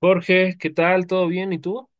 Jorge, ¿qué tal? ¿Todo bien? ¿Y tú?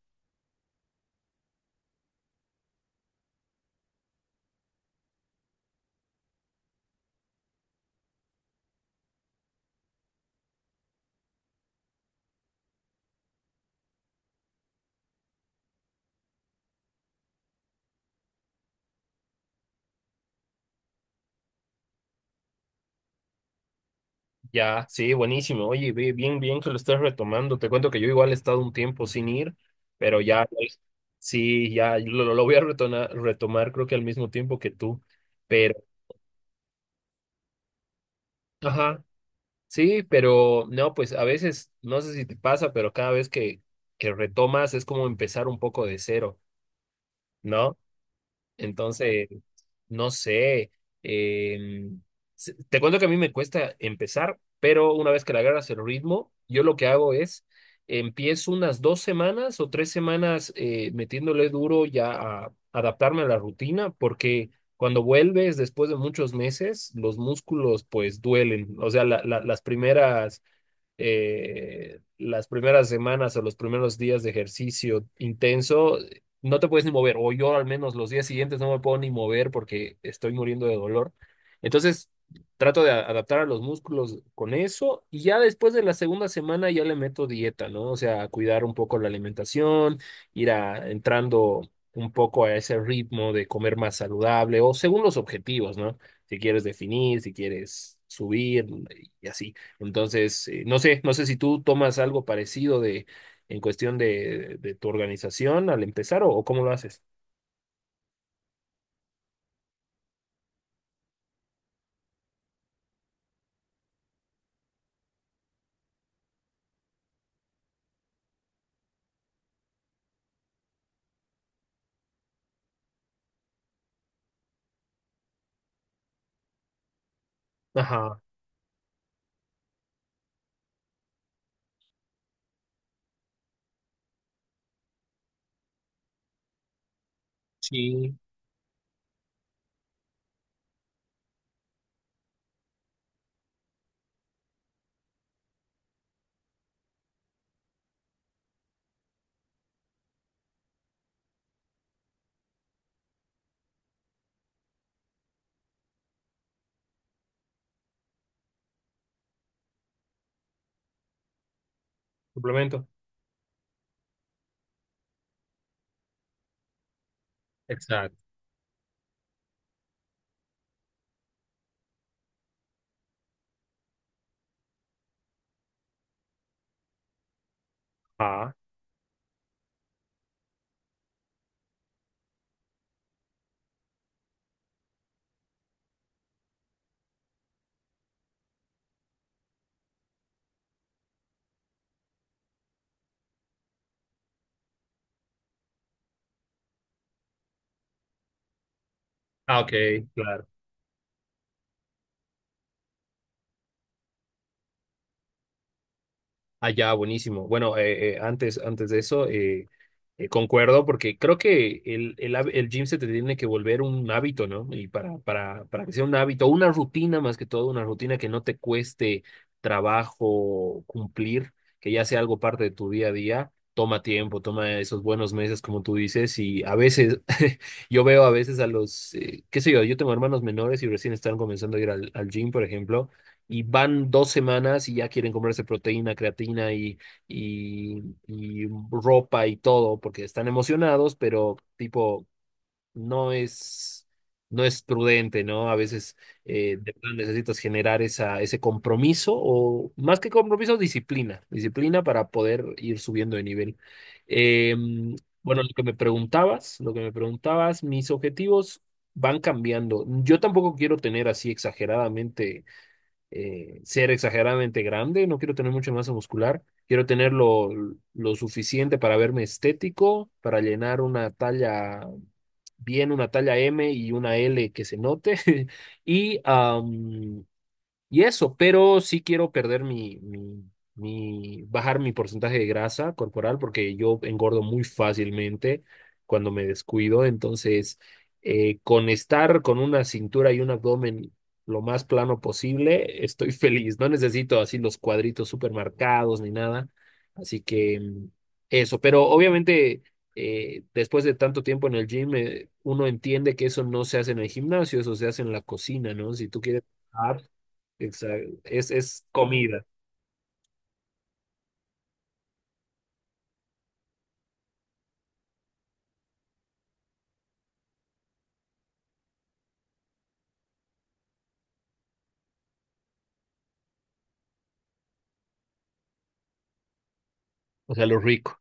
Ya, sí, buenísimo. Oye, bien, bien que lo estés retomando. Te cuento que yo igual he estado un tiempo sin ir, pero ya, pues, sí, ya lo voy a retomar, creo que al mismo tiempo que tú. Pero, ajá, sí, pero no, pues a veces, no sé si te pasa, pero cada vez que retomas es como empezar un poco de cero, ¿no? Entonces, no sé. em, Te cuento que a mí me cuesta empezar, pero una vez que le agarras el ritmo, yo lo que hago es empiezo unas 2 semanas o 3 semanas metiéndole duro ya a adaptarme a la rutina, porque cuando vuelves después de muchos meses, los músculos pues duelen. O sea, las primeras semanas o los primeros días de ejercicio intenso, no te puedes ni mover, o yo al menos los días siguientes no me puedo ni mover porque estoy muriendo de dolor. Entonces, trato de adaptar a los músculos con eso y ya después de la segunda semana ya le meto dieta, ¿no? O sea, cuidar un poco la alimentación, ir a, entrando un poco a ese ritmo de comer más saludable o según los objetivos, ¿no? Si quieres definir, si quieres subir y así. Entonces, no sé, no sé si tú tomas algo parecido de en cuestión de tu organización al empezar o cómo lo haces. Ajá, sí, suplemento. Exacto. Ah, Ah, ok, claro. Allá, buenísimo. Bueno, antes de eso, concuerdo porque creo que el gym se te tiene que volver un hábito, ¿no? Y para que sea un hábito, una rutina más que todo, una rutina que no te cueste trabajo cumplir, que ya sea algo parte de tu día a día, toma tiempo, toma esos buenos meses, como tú dices, y a veces, yo veo a veces a los, qué sé yo, yo tengo hermanos menores y recién están comenzando a ir al, al gym, por ejemplo y van 2 semanas y ya quieren comerse proteína, creatina y, y ropa y todo, porque están emocionados, pero tipo, no es, no es prudente, ¿no? A veces de plan necesitas generar esa, ese compromiso o más que compromiso, disciplina, disciplina para poder ir subiendo de nivel. Eh, bueno, lo que me preguntabas, mis objetivos van cambiando. Yo tampoco quiero tener así exageradamente ser exageradamente grande, no quiero tener mucha masa muscular, quiero tener lo suficiente para verme estético, para llenar una talla bien, una talla M y una L que se note, y, y eso, pero sí quiero perder bajar mi porcentaje de grasa corporal porque yo engordo muy fácilmente cuando me descuido. Entonces, con estar con una cintura y un abdomen lo más plano posible, estoy feliz. No necesito así los cuadritos súper marcados ni nada. Así que eso, pero obviamente después de tanto tiempo en el gym, uno entiende que eso no se hace en el gimnasio, eso se hace en la cocina, ¿no? Si tú quieres... Exacto. Es comida. O sea, lo rico.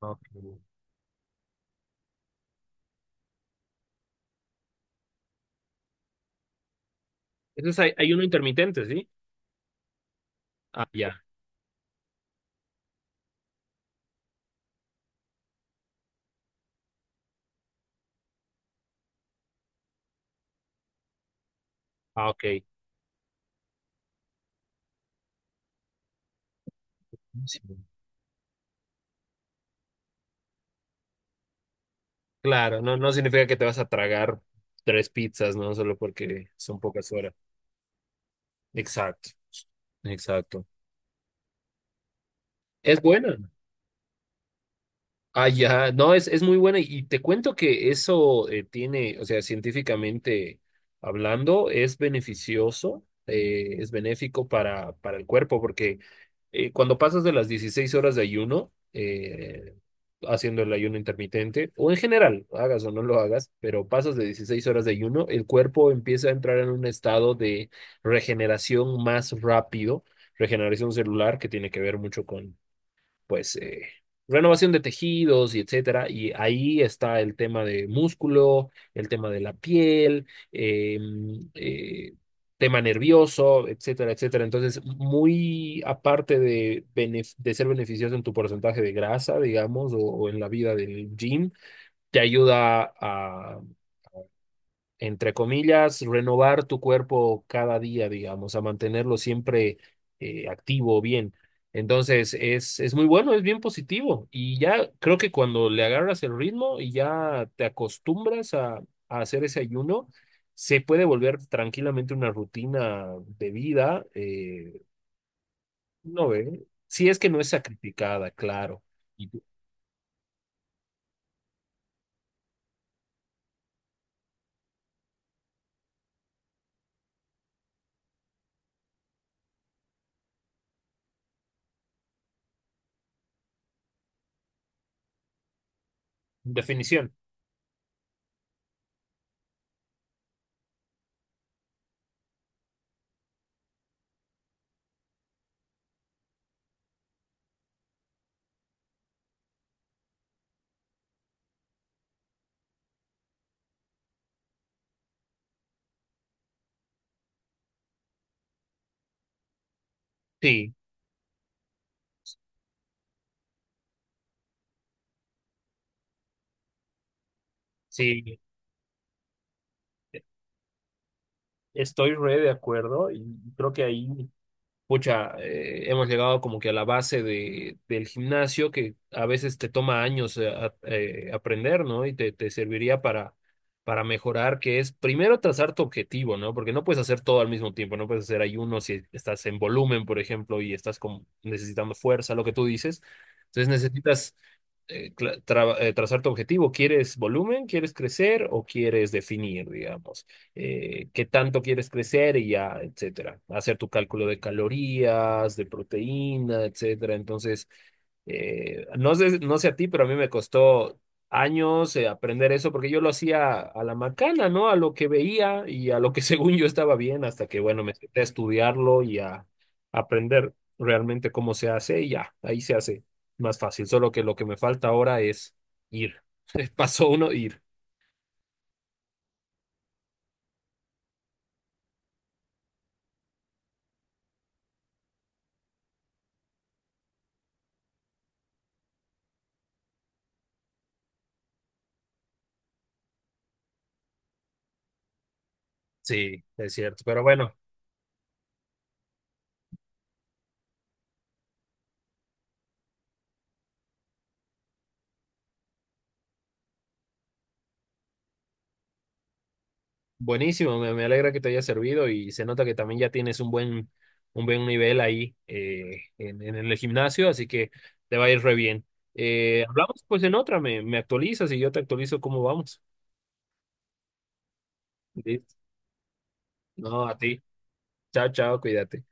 Ok. Entonces hay uno intermitente, ¿sí? Ah, ya. Ah, ok. Sí. Claro, no, no significa que te vas a tragar tres pizzas, ¿no? Solo porque son pocas horas. Exacto, exacto. Es buena. Ah, ya, no, es muy buena y te cuento que eso tiene, o sea, científicamente hablando, es beneficioso, es benéfico para el cuerpo, porque cuando pasas de las 16 horas de ayuno, haciendo el ayuno intermitente, o en general, hagas o no lo hagas, pero pasas de 16 horas de ayuno, el cuerpo empieza a entrar en un estado de regeneración más rápido, regeneración celular, que tiene que ver mucho con pues, renovación de tejidos y etcétera. Y ahí está el tema de músculo, el tema de la piel, eh, eh, tema nervioso, etcétera, etcétera. Entonces, muy aparte de ser beneficioso en tu porcentaje de grasa, digamos, o en la vida del gym, te ayuda a entre comillas, renovar tu cuerpo cada día, digamos, a mantenerlo siempre activo, bien. Entonces, es muy bueno, es bien positivo. Y ya creo que cuando le agarras el ritmo y ya te acostumbras a hacer ese ayuno, se puede volver tranquilamente una rutina de vida. No ve, si es que no es sacrificada, claro. Y Definición. Sí, sí, estoy re de acuerdo y creo que ahí pucha, hemos llegado como que a la base de, del gimnasio que a veces te toma años aprender, ¿no? Y te serviría para mejorar, que es primero trazar tu objetivo, ¿no? Porque no puedes hacer todo al mismo tiempo, no puedes hacer ayuno si estás en volumen, por ejemplo, y estás como necesitando fuerza, lo que tú dices. Entonces necesitas trazar tu objetivo. ¿Quieres volumen? ¿Quieres crecer? ¿O quieres definir, digamos? ¿Qué tanto quieres crecer y ya, etcétera? Hacer tu cálculo de calorías, de proteína, etcétera. Entonces, no sé a ti, pero a mí me costó años aprender eso porque yo lo hacía a la macana, ¿no? A lo que veía y a lo que según yo estaba bien, hasta que, bueno, me senté a estudiarlo y a aprender realmente cómo se hace y ya, ahí se hace más fácil. Solo que lo que me falta ahora es ir. Pasó uno, ir. Sí, es cierto. Pero bueno. Buenísimo, me alegra que te haya servido y se nota que también ya tienes un buen nivel ahí en el gimnasio, así que te va a ir re bien. Hablamos pues en otra, me actualizas y yo te actualizo cómo vamos. Listo. No, a ti. Chao, chao, cuídate.